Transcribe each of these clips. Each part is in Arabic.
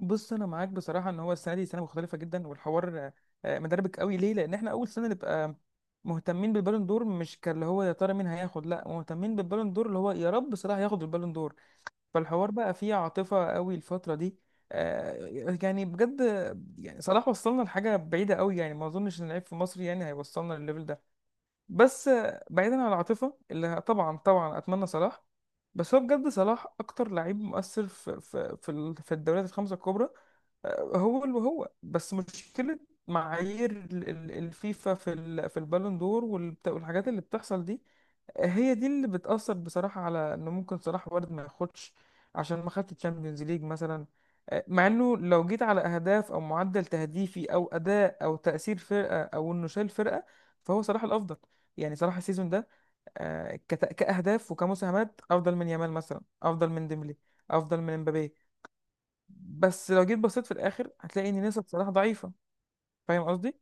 بص انا معاك بصراحه ان هو السنه دي سنه مختلفه جدا. والحوار مدربك قوي ليه؟ لان احنا اول سنه نبقى مهتمين بالبالون دور، مش كاللي هو يا ترى مين هياخد، لا مهتمين بالبالون دور اللي هو يا رب صلاح ياخد البالون دور. فالحوار بقى فيه عاطفه قوي الفتره دي. آه، يعني بجد، يعني صلاح وصلنا لحاجه بعيده قوي، يعني ما اظنش ان اللعيب في مصر يعني هيوصلنا للليفل ده. بس بعيدا عن العاطفه، اللي طبعا طبعا اتمنى صلاح، بس هو بجد صلاح اكتر لعيب مؤثر في في الدوريات الخمسه الكبرى. هو اللي هو بس مشكلة معايير الفيفا في البالون دور والحاجات اللي بتحصل دي. هي دي اللي بتأثر بصراحة على ان ممكن صلاح وارد ما ياخدش، عشان ما خدش تشامبيونز ليج مثلا. مع انه لو جيت على اهداف او معدل تهديفي او اداء او تأثير فرقة او انه شال فرقة، فهو صلاح الافضل. يعني صلاح السيزون ده كأهداف وكمساهمات افضل من يامال مثلا، افضل من ديمبلي، افضل من مبابي. بس لو جيت بصيت في الاخر هتلاقي ان نسب صلاح ضعيفه، فاهم قصدي.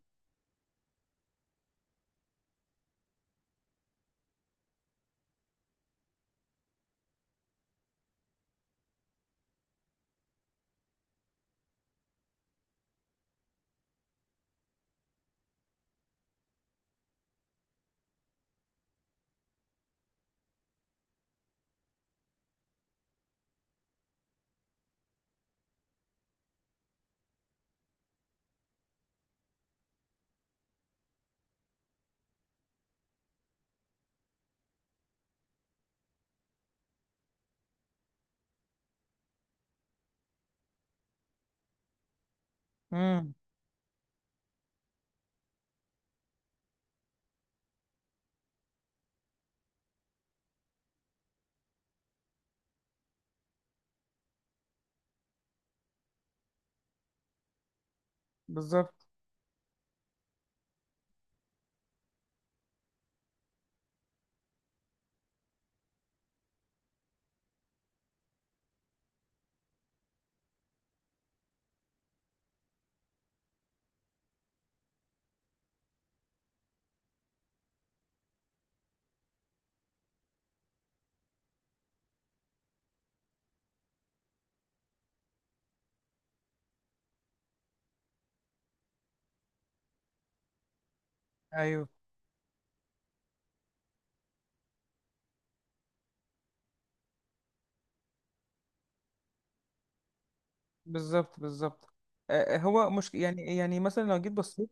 امم، بالظبط. ايوه، بالظبط بالظبط. هو مش يعني، يعني مثلا لو جيت بصيت.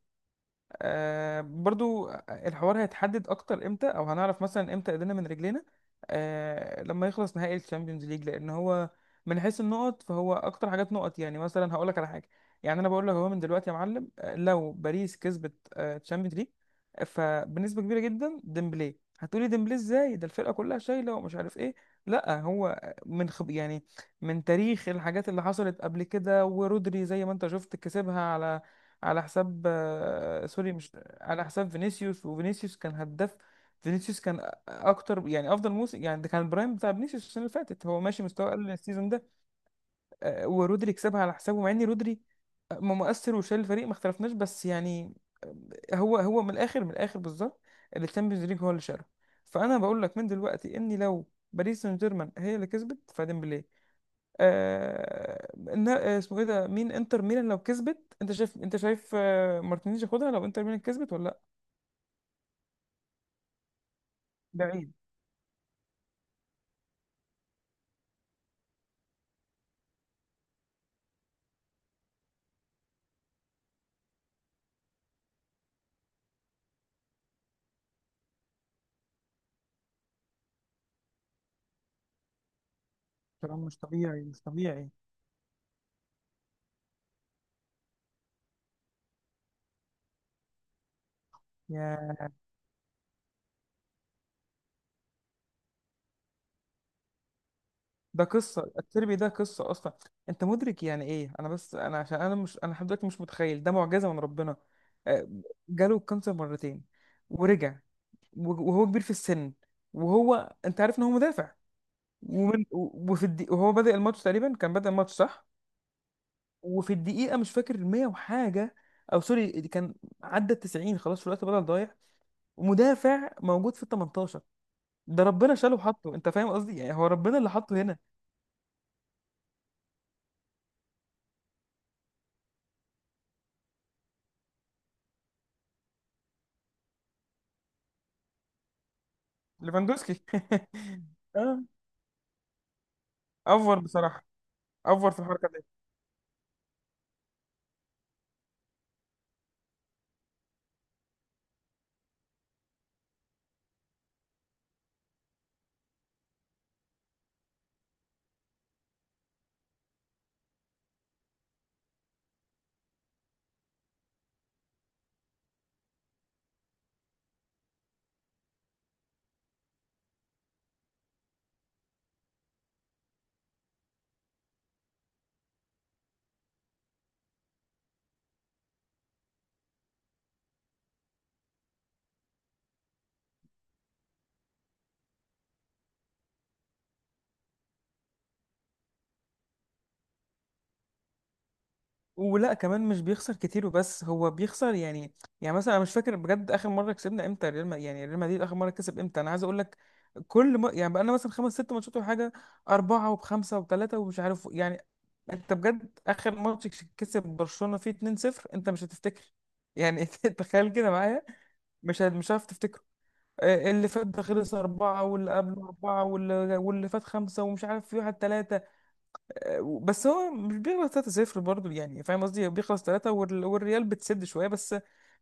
آه برضو الحوار هيتحدد اكتر امتى، او هنعرف مثلا امتى ايدينا من رجلينا، آه لما يخلص نهائي الشامبيونز ليج. لان هو من حيث النقط فهو اكتر حاجات نقط. يعني مثلا هقول لك على حاجه، يعني انا بقول لك هو من دلوقتي يا معلم، لو باريس كسبت الشامبيونز ليج، فبنسبه كبيره جدا ديمبلي. هتقولي ديمبلي ازاي، ده الفرقه كلها شايله ومش عارف ايه. لا هو من خب يعني من تاريخ الحاجات اللي حصلت قبل كده، ورودري زي ما انت شفت كسبها على على حساب سوري، مش على حساب فينيسيوس، وفينيسيوس كان هداف. فينيسيوس كان أ- اكتر يعني افضل موسم، يعني ده كان البرايم بتاع فينيسيوس. السنه اللي فاتت هو ماشي مستوى اقل السيزون ده. ورودري كسبها على حسابه، مع ان رودري مؤثر وشايل الفريق ما اختلفناش، بس يعني هو من الاخر، من الاخر بالظبط، اللي الشامبيونز ليج هو اللي شاله. فانا بقول لك من دلوقتي اني لو باريس سان جيرمان هي اللي كسبت فديمبلي. اسمه ايه ده، مين انتر ميلان لو كسبت؟ انت شايف، انت شايف مارتينيز ياخدها لو انتر ميلان كسبت ولا لا؟ بعيد. كلام مش طبيعي مش طبيعي. يا ده قصه التربي، ده قصه اصلا. انت مدرك يعني ايه؟ انا بس انا عشان انا مش، انا لحد دلوقتي مش متخيل، ده معجزه من ربنا. آه، جاله الكانسر مرتين ورجع، وهو كبير في السن، وهو انت عارف ان هو مدافع، وفي وهو بادئ الماتش تقريبا، كان بادئ الماتش صح. وفي الدقيقة، مش فاكر المية وحاجة أو سوري، دي كان عدى التسعين خلاص، في الوقت بدل ضايع، ومدافع موجود في التمنتاشر. ده ربنا شاله وحطه، أنت فاهم قصدي، يعني هو ربنا اللي حطه هنا. ليفاندوسكي. اه، أفور بصراحة، أفور في الحركة دي. ولا كمان مش بيخسر كتير، وبس هو بيخسر يعني، يعني مثلا أنا مش فاكر بجد آخر مرة كسبنا إمتى ريال، يعني ريال مدريد آخر مرة كسب إمتى؟ أنا عايز أقول لك، كل ما يعني بقى لنا مثلا خمس ست ماتشات ولا حاجة، أربعة وبخمسة وبثلاثة ومش عارف يعني. انت بجد اخر ماتش كسب برشلونه فيه 2-0، انت مش هتفتكر يعني. تخيل كده معايا، مش هتعرف تفتكره. اللي فات ده خلص أربعة، واللي قبله أربعة، واللي فات خمسة، ومش عارف في واحد تلاتة. بس هو مش بيخلص تلاتة صفر برضه، يعني فاهم قصدي، بيخلص تلاتة والريال بتسد شوية بس.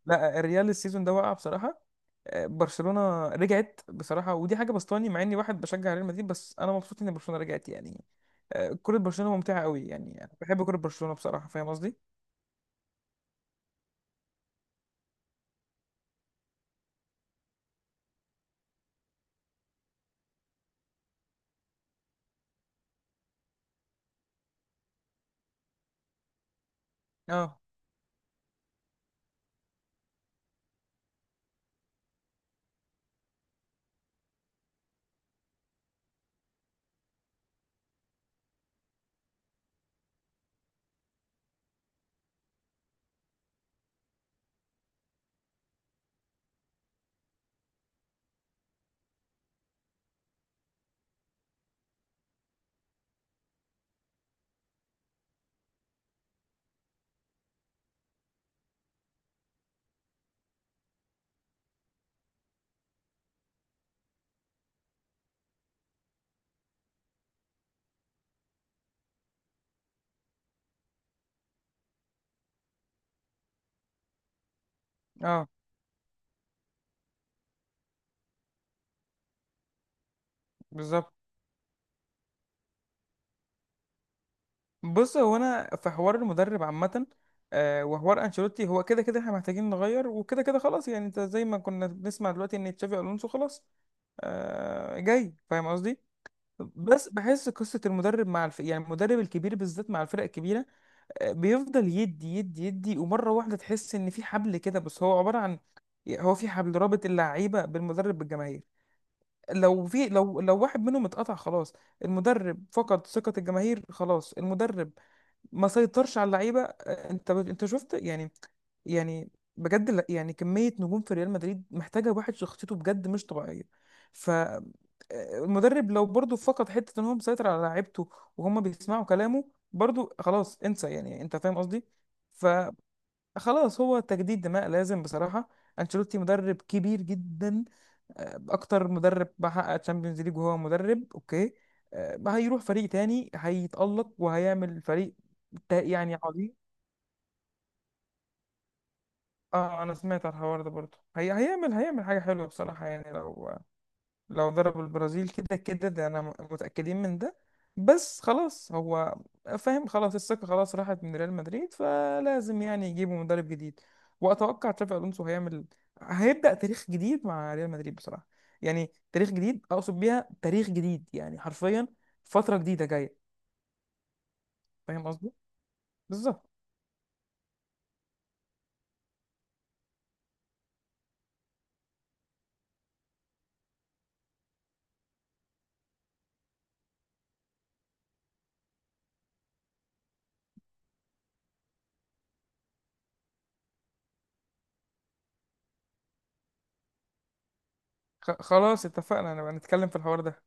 لا الريال السيزون ده وقع بصراحة. برشلونة رجعت بصراحة، ودي حاجة بسطاني، مع اني واحد بشجع ريال مدريد، بس انا مبسوط ان برشلونة رجعت يعني. كرة برشلونة ممتعة قوي، يعني أنا بحب كرة برشلونة بصراحة، فاهم قصدي. اه. اه، بالظبط. بص هو انا في حوار المدرب عامة، وحوار انشيلوتي، هو كده كده احنا محتاجين نغير، وكده كده خلاص، يعني انت زي ما كنا بنسمع دلوقتي ان تشافي الونسو خلاص جاي، فاهم قصدي. بس بحس قصة المدرب مع يعني المدرب الكبير بالذات مع الفرق الكبيرة، بيفضل يدي ومره واحده تحس ان في حبل كده، بس هو عباره عن، هو في حبل رابط اللعيبه بالمدرب بالجماهير. لو في لو لو واحد منهم اتقطع خلاص. المدرب فقد ثقه الجماهير، خلاص المدرب ما سيطرش على اللعيبه. انت شفت يعني، يعني بجد يعني كميه نجوم في ريال مدريد محتاجه واحد شخصيته بجد مش طبيعيه. ف المدرب لو برضه فقد حته ان هو مسيطر على لعيبته وهم بيسمعوا كلامه، برضه خلاص انسى، يعني انت فاهم قصدي. فخلاص هو تجديد دماء لازم بصراحه. انشيلوتي مدرب كبير جدا، اكتر مدرب بحقق تشامبيونز ليج، وهو مدرب اوكي. ما هيروح فريق تاني هيتألق وهيعمل فريق يعني عظيم. اه انا سمعت على الحوار ده برضه، هي هيعمل، هيعمل حاجة حلوة بصراحة، يعني لو لو ضرب البرازيل كده كده ده انا متأكدين من ده. بس خلاص هو فاهم، خلاص الثقة خلاص راحت من ريال مدريد، فلازم يعني يجيبوا مدرب جديد. واتوقع تشافي الونسو هيعمل، هيبدأ تاريخ جديد مع ريال مدريد بصراحة، يعني تاريخ جديد اقصد بيها تاريخ جديد يعني حرفيا، فترة جديدة جاية، فاهم قصدي؟ بالظبط. خلاص اتفقنا نبقى نتكلم في الحوار ده